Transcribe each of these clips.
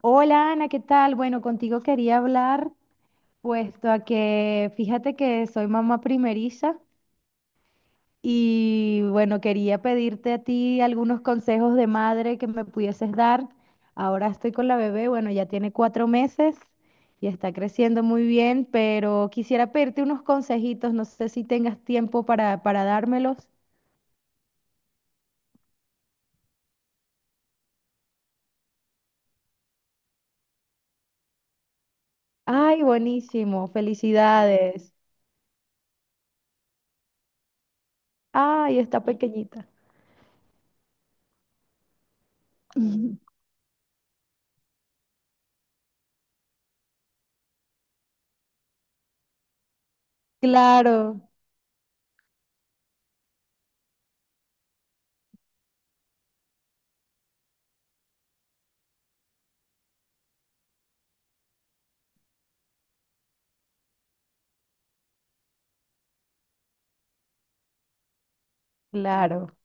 Hola Ana, ¿qué tal? Bueno, contigo quería hablar, puesto a que fíjate que soy mamá primeriza y bueno, quería pedirte a ti algunos consejos de madre que me pudieses dar. Ahora estoy con la bebé, bueno, ya tiene cuatro meses y está creciendo muy bien, pero quisiera pedirte unos consejitos, no sé si tengas tiempo para dármelos. Ay, buenísimo, felicidades. Ay, está pequeñita. Claro, claro.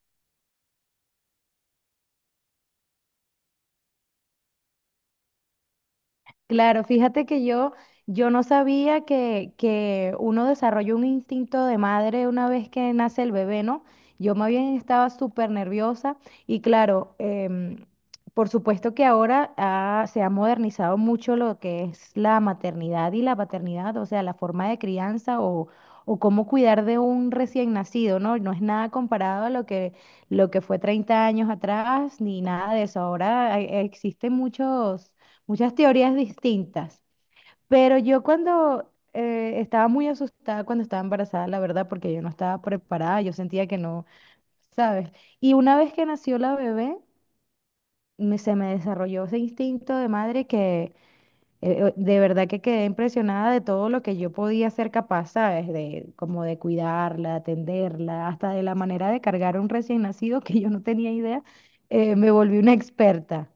Claro, fíjate que yo no sabía que uno desarrolla un instinto de madre una vez que nace el bebé, ¿no? Yo más bien estaba súper nerviosa y claro, por supuesto que ahora se ha modernizado mucho lo que es la maternidad y la paternidad, o sea, la forma de crianza o cómo cuidar de un recién nacido, ¿no? No es nada comparado a lo que fue 30 años atrás ni nada de eso. Ahora existen muchos muchas teorías distintas, pero yo cuando estaba muy asustada cuando estaba embarazada, la verdad, porque yo no estaba preparada, yo sentía que no, ¿sabes? Y una vez que nació la bebé, se me desarrolló ese instinto de madre que de verdad que quedé impresionada de todo lo que yo podía ser capaz, ¿sabes? De como de cuidarla, atenderla, hasta de la manera de cargar a un recién nacido que yo no tenía idea, me volví una experta.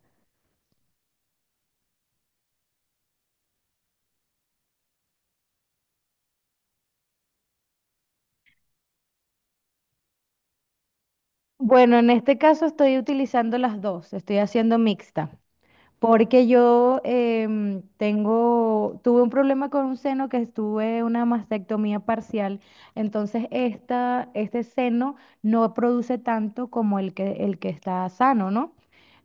Bueno, en este caso estoy utilizando las dos, estoy haciendo mixta. Porque yo tuve un problema con un seno que estuve una mastectomía parcial, entonces este seno no produce tanto como el que está sano, ¿no?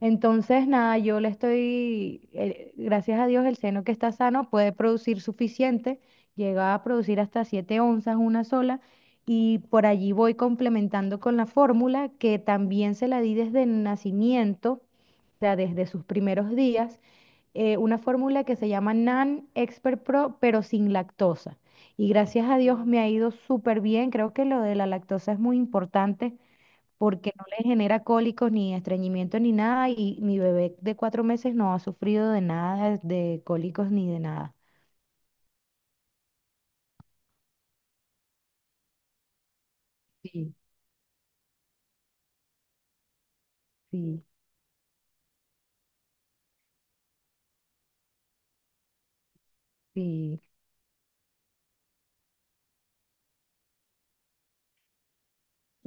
Entonces, nada, yo le estoy, gracias a Dios, el seno que está sano puede producir suficiente, llega a producir hasta 7 onzas una sola, y por allí voy complementando con la fórmula que también se la di desde el nacimiento sea, desde sus primeros días, una fórmula que se llama NAN Expert Pro, pero sin lactosa. Y gracias a Dios me ha ido súper bien. Creo que lo de la lactosa es muy importante porque no le genera cólicos ni estreñimiento ni nada y mi bebé de cuatro meses no ha sufrido de nada, de cólicos ni de nada. Sí, sí, sí.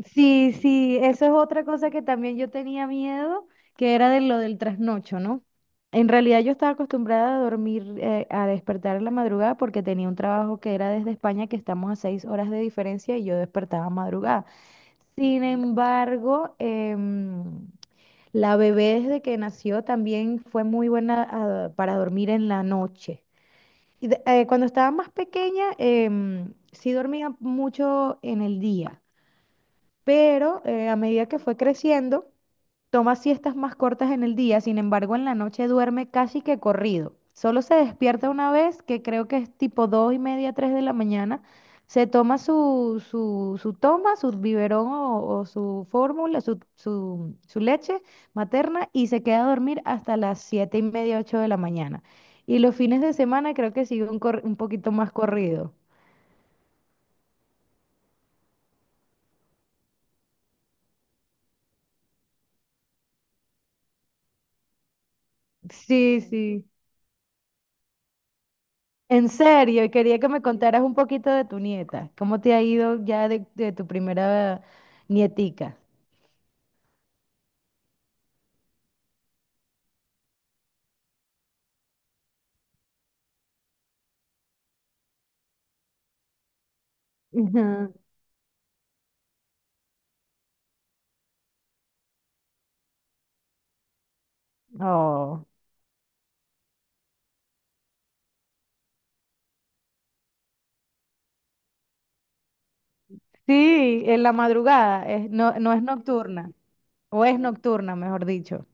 Sí, sí, eso es otra cosa que también yo tenía miedo, que era de lo del trasnocho, ¿no? En realidad yo estaba acostumbrada a dormir, a despertar en la madrugada porque tenía un trabajo que era desde España, que estamos a seis horas de diferencia y yo despertaba madrugada. Sin embargo, la bebé desde que nació también fue muy buena para dormir en la noche. Y cuando estaba más pequeña, sí dormía mucho en el día pero a medida que fue creciendo, toma siestas más cortas en el día, sin embargo, en la noche duerme casi que corrido. Solo se despierta una vez, que creo que es tipo dos y media, tres de la mañana. Se toma su toma, su biberón o su fórmula, su leche materna y se queda a dormir hasta las siete y media, ocho de la mañana. Y los fines de semana creo que sigue un, un poquito más corrido. Sí, sí. En serio, y quería que me contaras un poquito de tu nieta. ¿Cómo te ha ido ya de tu primera nietica? Ujú. Oh, sí, en la madrugada, no, no es nocturna, o es nocturna, mejor dicho.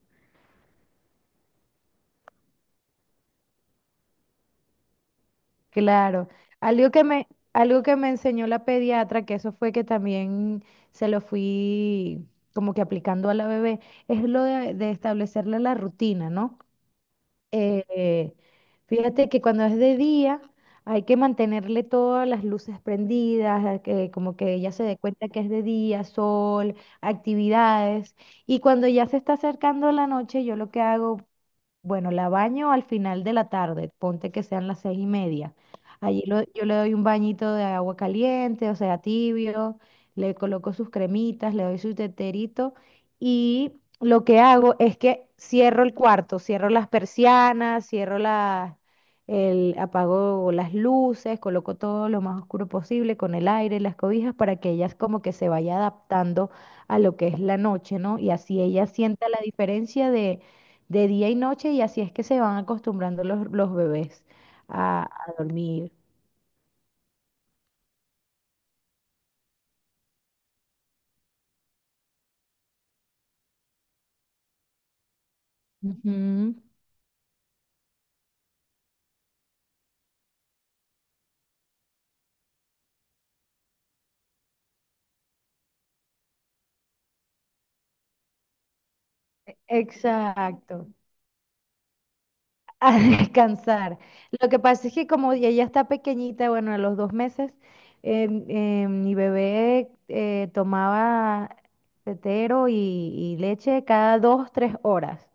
Claro. Algo que me enseñó la pediatra, que eso fue que también se lo fui como que aplicando a la bebé, es lo de establecerle la rutina, ¿no? Eh, fíjate que cuando es de día hay que mantenerle todas las luces prendidas, a que como que ella se dé cuenta que es de día, sol, actividades. Y cuando ya se está acercando la noche, yo lo que hago bueno, la baño al final de la tarde, ponte que sean las seis y media. Allí yo le doy un bañito de agua caliente, o sea, tibio, le coloco sus cremitas, le doy su teterito y lo que hago es que cierro el cuarto, cierro las persianas, cierro las, el, apago las luces, coloco todo lo más oscuro posible con el aire, las cobijas para que ellas como que se vaya adaptando a lo que es la noche, ¿no? Y así ella sienta la diferencia de día y noche y así es que se van acostumbrando los bebés a dormir. Ujú. Exacto, a descansar. Lo que pasa es que como ella ya está pequeñita, bueno, a los dos meses, mi bebé tomaba tetero y leche cada dos, tres horas.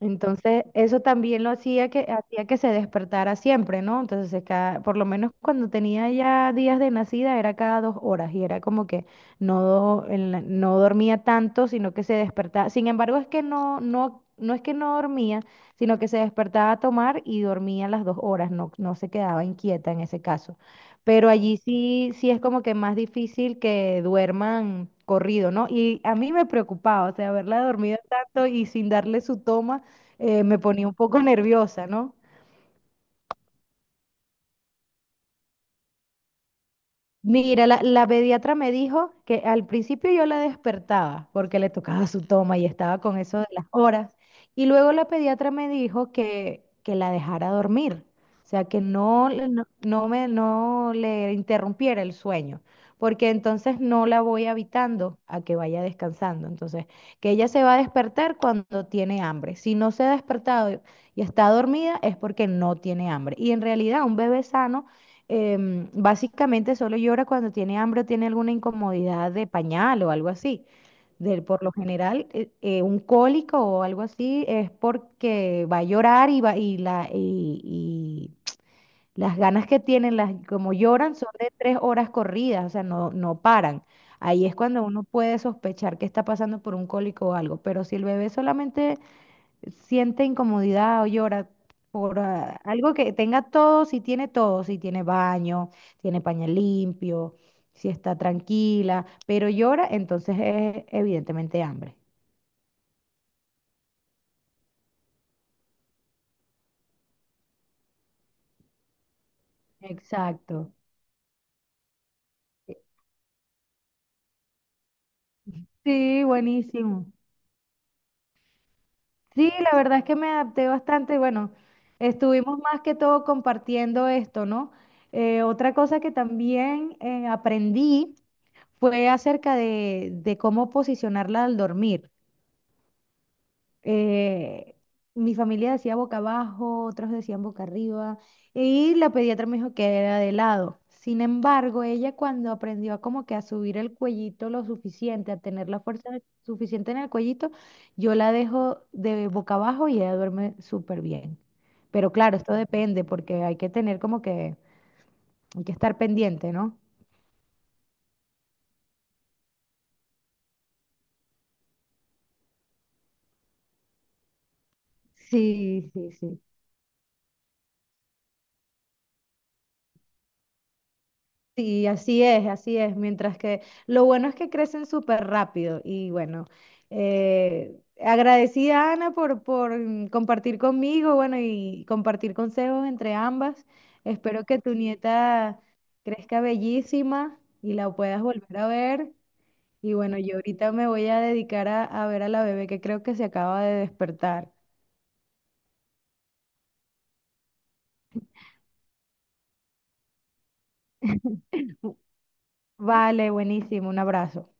Entonces, eso también hacía que se despertara siempre, ¿no? Entonces, cada, por lo menos cuando tenía ya días de nacida, era cada dos horas y era como que no, no dormía tanto, sino que se despertaba. Sin embargo, es que no es que no dormía, sino que se despertaba a tomar y dormía las dos horas, no se quedaba inquieta en ese caso. Pero allí sí, sí es como que más difícil que duerman corrido, ¿no? Y a mí me preocupaba, o sea, haberla dormido tanto y sin darle su toma me ponía un poco nerviosa, ¿no? Mira, la pediatra me dijo que al principio yo la despertaba porque le tocaba su toma y estaba con eso de las horas. Y luego la pediatra me dijo que la dejara dormir, o sea, que no, no le interrumpiera el sueño, porque entonces no la voy habitando a que vaya descansando. Entonces, que ella se va a despertar cuando tiene hambre. Si no se ha despertado y está dormida es porque no tiene hambre. Y en realidad un bebé sano básicamente solo llora cuando tiene hambre o tiene alguna incomodidad de pañal o algo así. Por lo general, un cólico o algo así es porque va a llorar y, va, y, la, y las ganas que tienen, las, como lloran, son de tres horas corridas, o sea, no paran. Ahí es cuando uno puede sospechar que está pasando por un cólico o algo, pero si el bebé solamente siente incomodidad o llora por algo que tenga todo, si tiene baño, tiene pañal limpio, si está tranquila, pero llora, entonces es evidentemente hambre. Exacto. Sí, buenísimo. Sí, la verdad es que me adapté bastante. Bueno, estuvimos más que todo compartiendo esto, ¿no? Otra cosa que también aprendí fue acerca de cómo posicionarla al dormir. Eh, mi familia decía boca abajo, otros decían boca arriba, y la pediatra me dijo que era de lado. Sin embargo, ella cuando aprendió a como que a subir el cuellito lo suficiente, a tener la fuerza suficiente en el cuellito, yo la dejo de boca abajo y ella duerme súper bien. Pero claro, esto depende porque hay que tener como que, hay que estar pendiente, ¿no? Sí, sí, sí. Sí, así es, así es. Mientras que lo bueno es que crecen súper rápido. Y bueno, agradecida Ana por compartir conmigo, bueno, y compartir consejos entre ambas. Espero que tu nieta crezca bellísima y la puedas volver a ver. Y bueno, yo ahorita me voy a dedicar a ver a la bebé que creo que se acaba de despertar. Vale, buenísimo, un abrazo.